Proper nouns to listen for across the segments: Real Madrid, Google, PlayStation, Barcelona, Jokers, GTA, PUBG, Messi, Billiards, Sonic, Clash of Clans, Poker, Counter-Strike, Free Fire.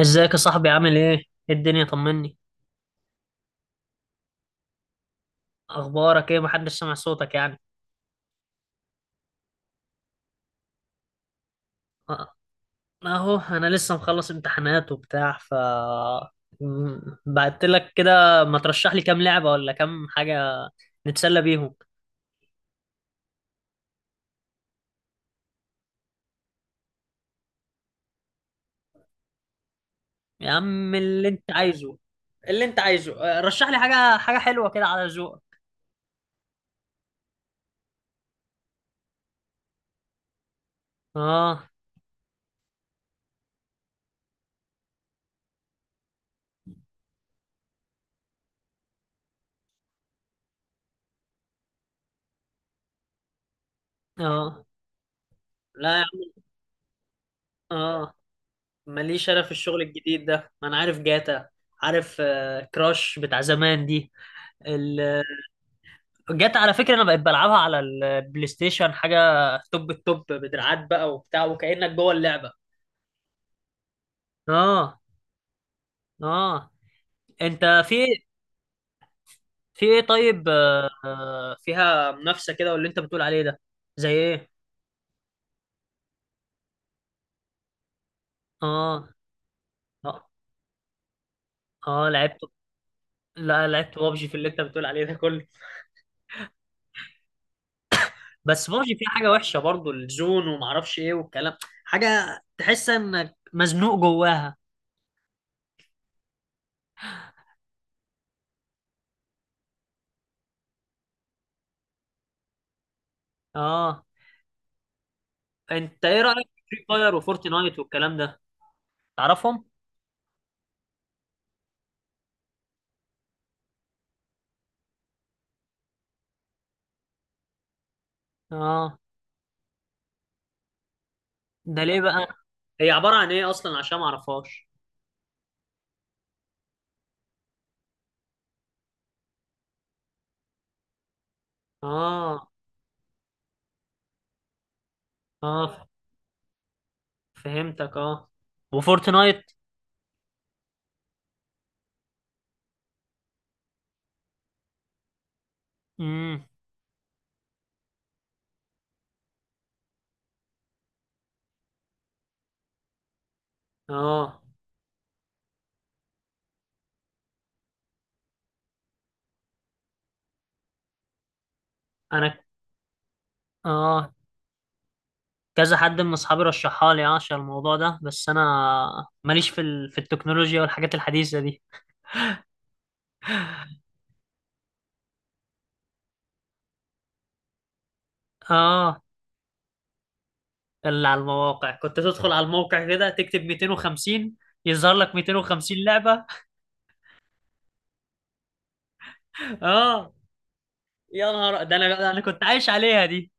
ازيك يا صاحبي؟ عامل ايه؟ ايه الدنيا؟ طمني. اخبارك ايه؟ محدش سمع صوتك يعني. أه، اهو انا لسه مخلص امتحانات وبتاع. بعت لك كده. ما ترشح لي كام لعبة ولا كام حاجة نتسلى بيهم. يا عم اللي انت عايزه. اللي انت عايزه. رشح لي حاجة حلوة كده على ذوقك. اه. اه. لا يا عم. اه، ماليش. انا في الشغل الجديد ده، ما انا عارف جاتا. عارف. كراش بتاع زمان دي جت على فكرة. انا بقيت بلعبها على البلاي ستيشن، حاجة توب التوب، بدراعات بقى وبتاع وكأنك جوه اللعبة. اه. اه. انت في في ايه؟ طيب، فيها منافسة كده واللي انت بتقول عليه ده؟ زي ايه؟ اه. اه. اه لعبت. لا، لعبت بابجي. في اللي انت بتقول عليه ده كله. بس بابجي فيها حاجة وحشة برضو، الزون ومعرفش ايه والكلام. حاجة تحس انك مزنوق جواها. اه. انت ايه رأيك في فري فاير وفورتنايت والكلام ده؟ تعرفهم؟ اه. ده ليه بقى؟ هي عبارة عن ايه اصلا عشان ما اعرفهاش. اه. اه. فهمتك. اه. وفورتنايت؟ امم اه. انا، اه كذا حد من اصحابي رشحها لي عشان الموضوع ده، بس انا ماليش في في التكنولوجيا والحاجات الحديثة دي. اه. اللي على المواقع، كنت تدخل على الموقع كده، تكتب 250 يظهر لك 250 لعبة. اه. يا نهار ده انا كنت عايش عليها دي.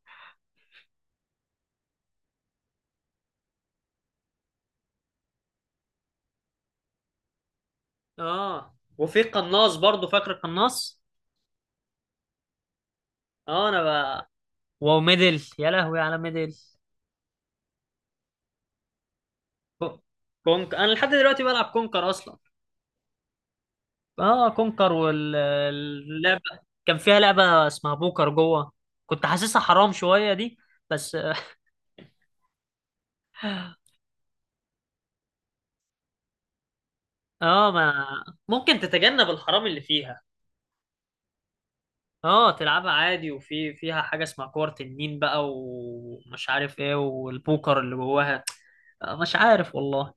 اه. وفي قناص برضو، فاكر القناص؟ اه. انا، وميدل، يا لهوي على ميدل! كو- كونك، انا لحد دلوقتي بلعب كونكر اصلا. اه، كونكر. واللعبه كان فيها لعبه اسمها بوكر جوه. كنت حاسسها حرام شويه دي، بس. اه ما ممكن تتجنب الحرام اللي فيها. اه، تلعبها عادي. وفي فيها حاجه اسمها كور تنين بقى ومش عارف ايه والبوكر اللي جواها. مش عارف والله.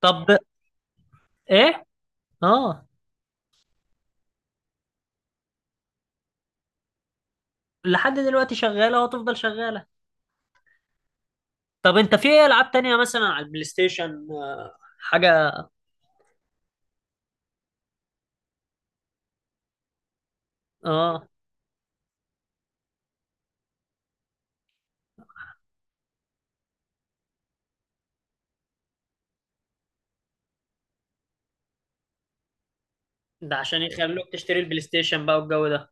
طب، ايه. اه، لحد دلوقتي شغاله وهتفضل شغاله. طب انت في ايه العاب تانية مثلا على البلاي ستيشن، حاجة؟ اه، ده عشان يخلوك تشتري البلاي ستيشن بقى والجو ده.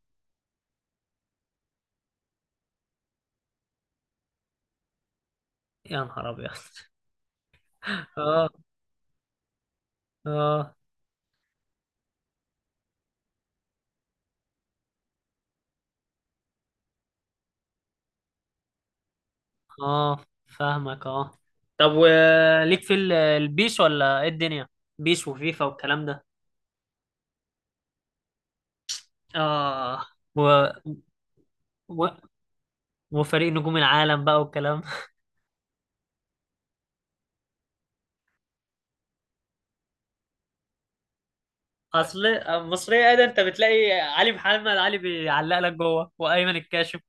يا نهار ابيض! اه. اه. اه، فاهمك. اه. طب وليك في البيس، ولا ايه الدنيا؟ بيس وفيفا والكلام ده؟ اه. و... و... وفريق نجوم العالم بقى والكلام. اصل، مصرية ايه ده؟ انت بتلاقي علي محمد علي بيعلق لك جوه، وايمن الكاشف.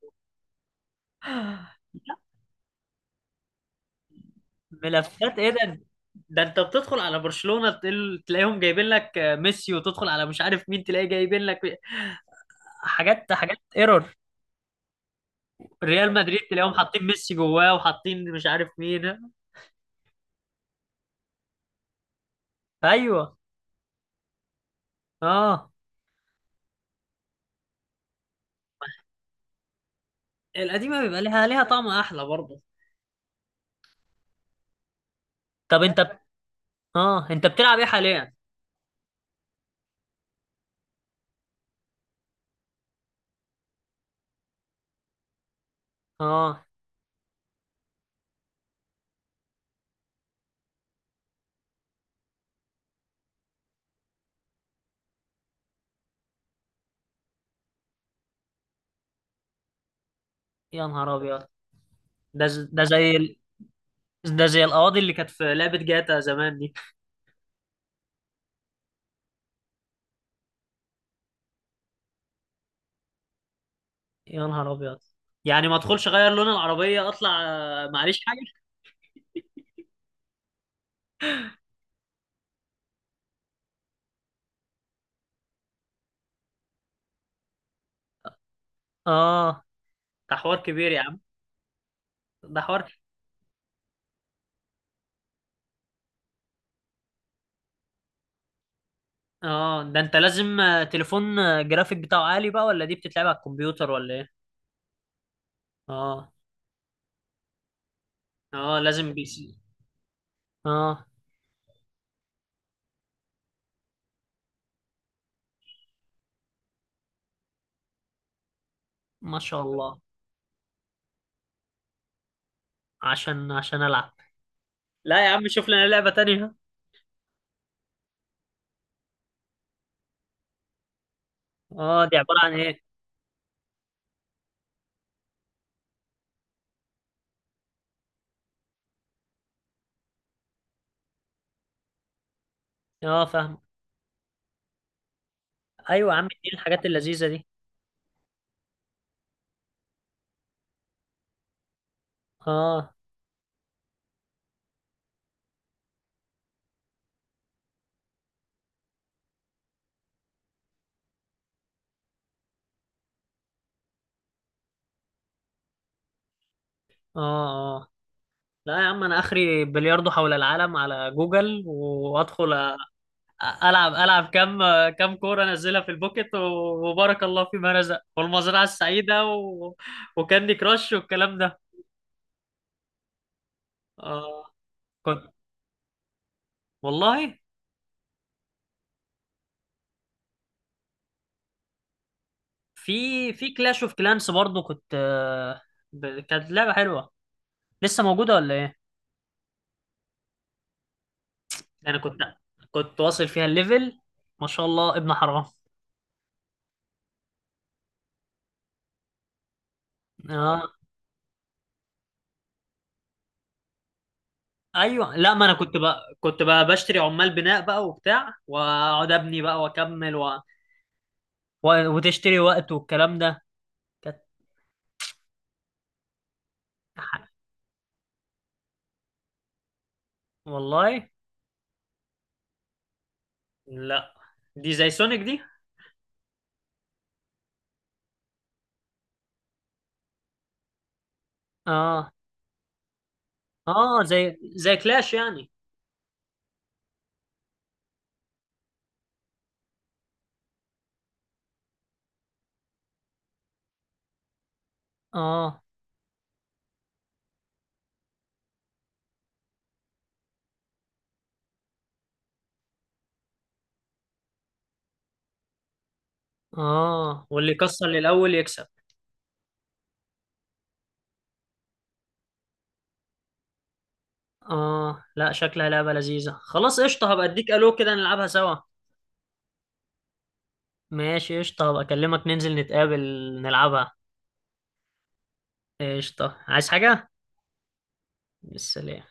ملفات ايه ده؟ ده انت بتدخل على برشلونة، تلاقيهم جايبين لك، ميسي، وتدخل على مش عارف مين، تلاقي جايبين لك حاجات، حاجات ايرور. ريال مدريد تلاقيهم حاطين ميسي جواه، وحاطين مش عارف مين. ايوه. اه. القديمة بيبقى ليها طعم احلى برضه. طب انت اه، انت بتلعب ايه حاليا؟ اه. يا نهار ابيض! ده زي ده زي القواضي اللي كانت في لعبة جاتا زمان دي. يا نهار ابيض! يعني ما ادخلش اغير لون العربية، اطلع، معليش حاجة. اه، ده حوار كبير يا عم. ده حوار. اه، ده انت لازم، تليفون، جرافيك بتاعه عالي بقى، ولا دي بتتلعب على الكمبيوتر، ولا ايه؟ اه. اه، لازم بي سي. اه. ما شاء الله. عشان العب. لا يا عم، شوف لنا لعبة تانية. اه، دي عبارة عن ايه؟ اه، فاهم. ايوه يا عم، دي الحاجات اللذيذة دي. اه. اه. اه، لا يا عم، انا اخري بلياردو حول العالم على جوجل، وادخل العب كم كوره انزلها في البوكت، وبارك الله فيما رزق، والمزرعه السعيده، وكاندي كراش والكلام ده. آه، كنت والله. في كلاش اوف كلانس برضه كنت، كانت لعبه حلوه. لسه موجوده ولا ايه؟ انا كنت واصل فيها الليفل، ما شاء الله ابن حرام. اه، ايوه. لا، ما انا كنت بقى بشتري عمال بناء بقى وبتاع، واقعد ابني بقى واكمل، وتشتري وقت والكلام ده. كانت والله. لا، دي زي سونيك دي. اه. اه، زي كلاش يعني. اه. اه، واللي يكسر للاول يكسب. اه، لا شكلها لعبة لذيذة. خلاص قشطة، هبقى اديك الو كده نلعبها سوا. ماشي قشطة، هبقى اكلمك ننزل نتقابل نلعبها. قشطة. عايز حاجة؟ بالسلامة.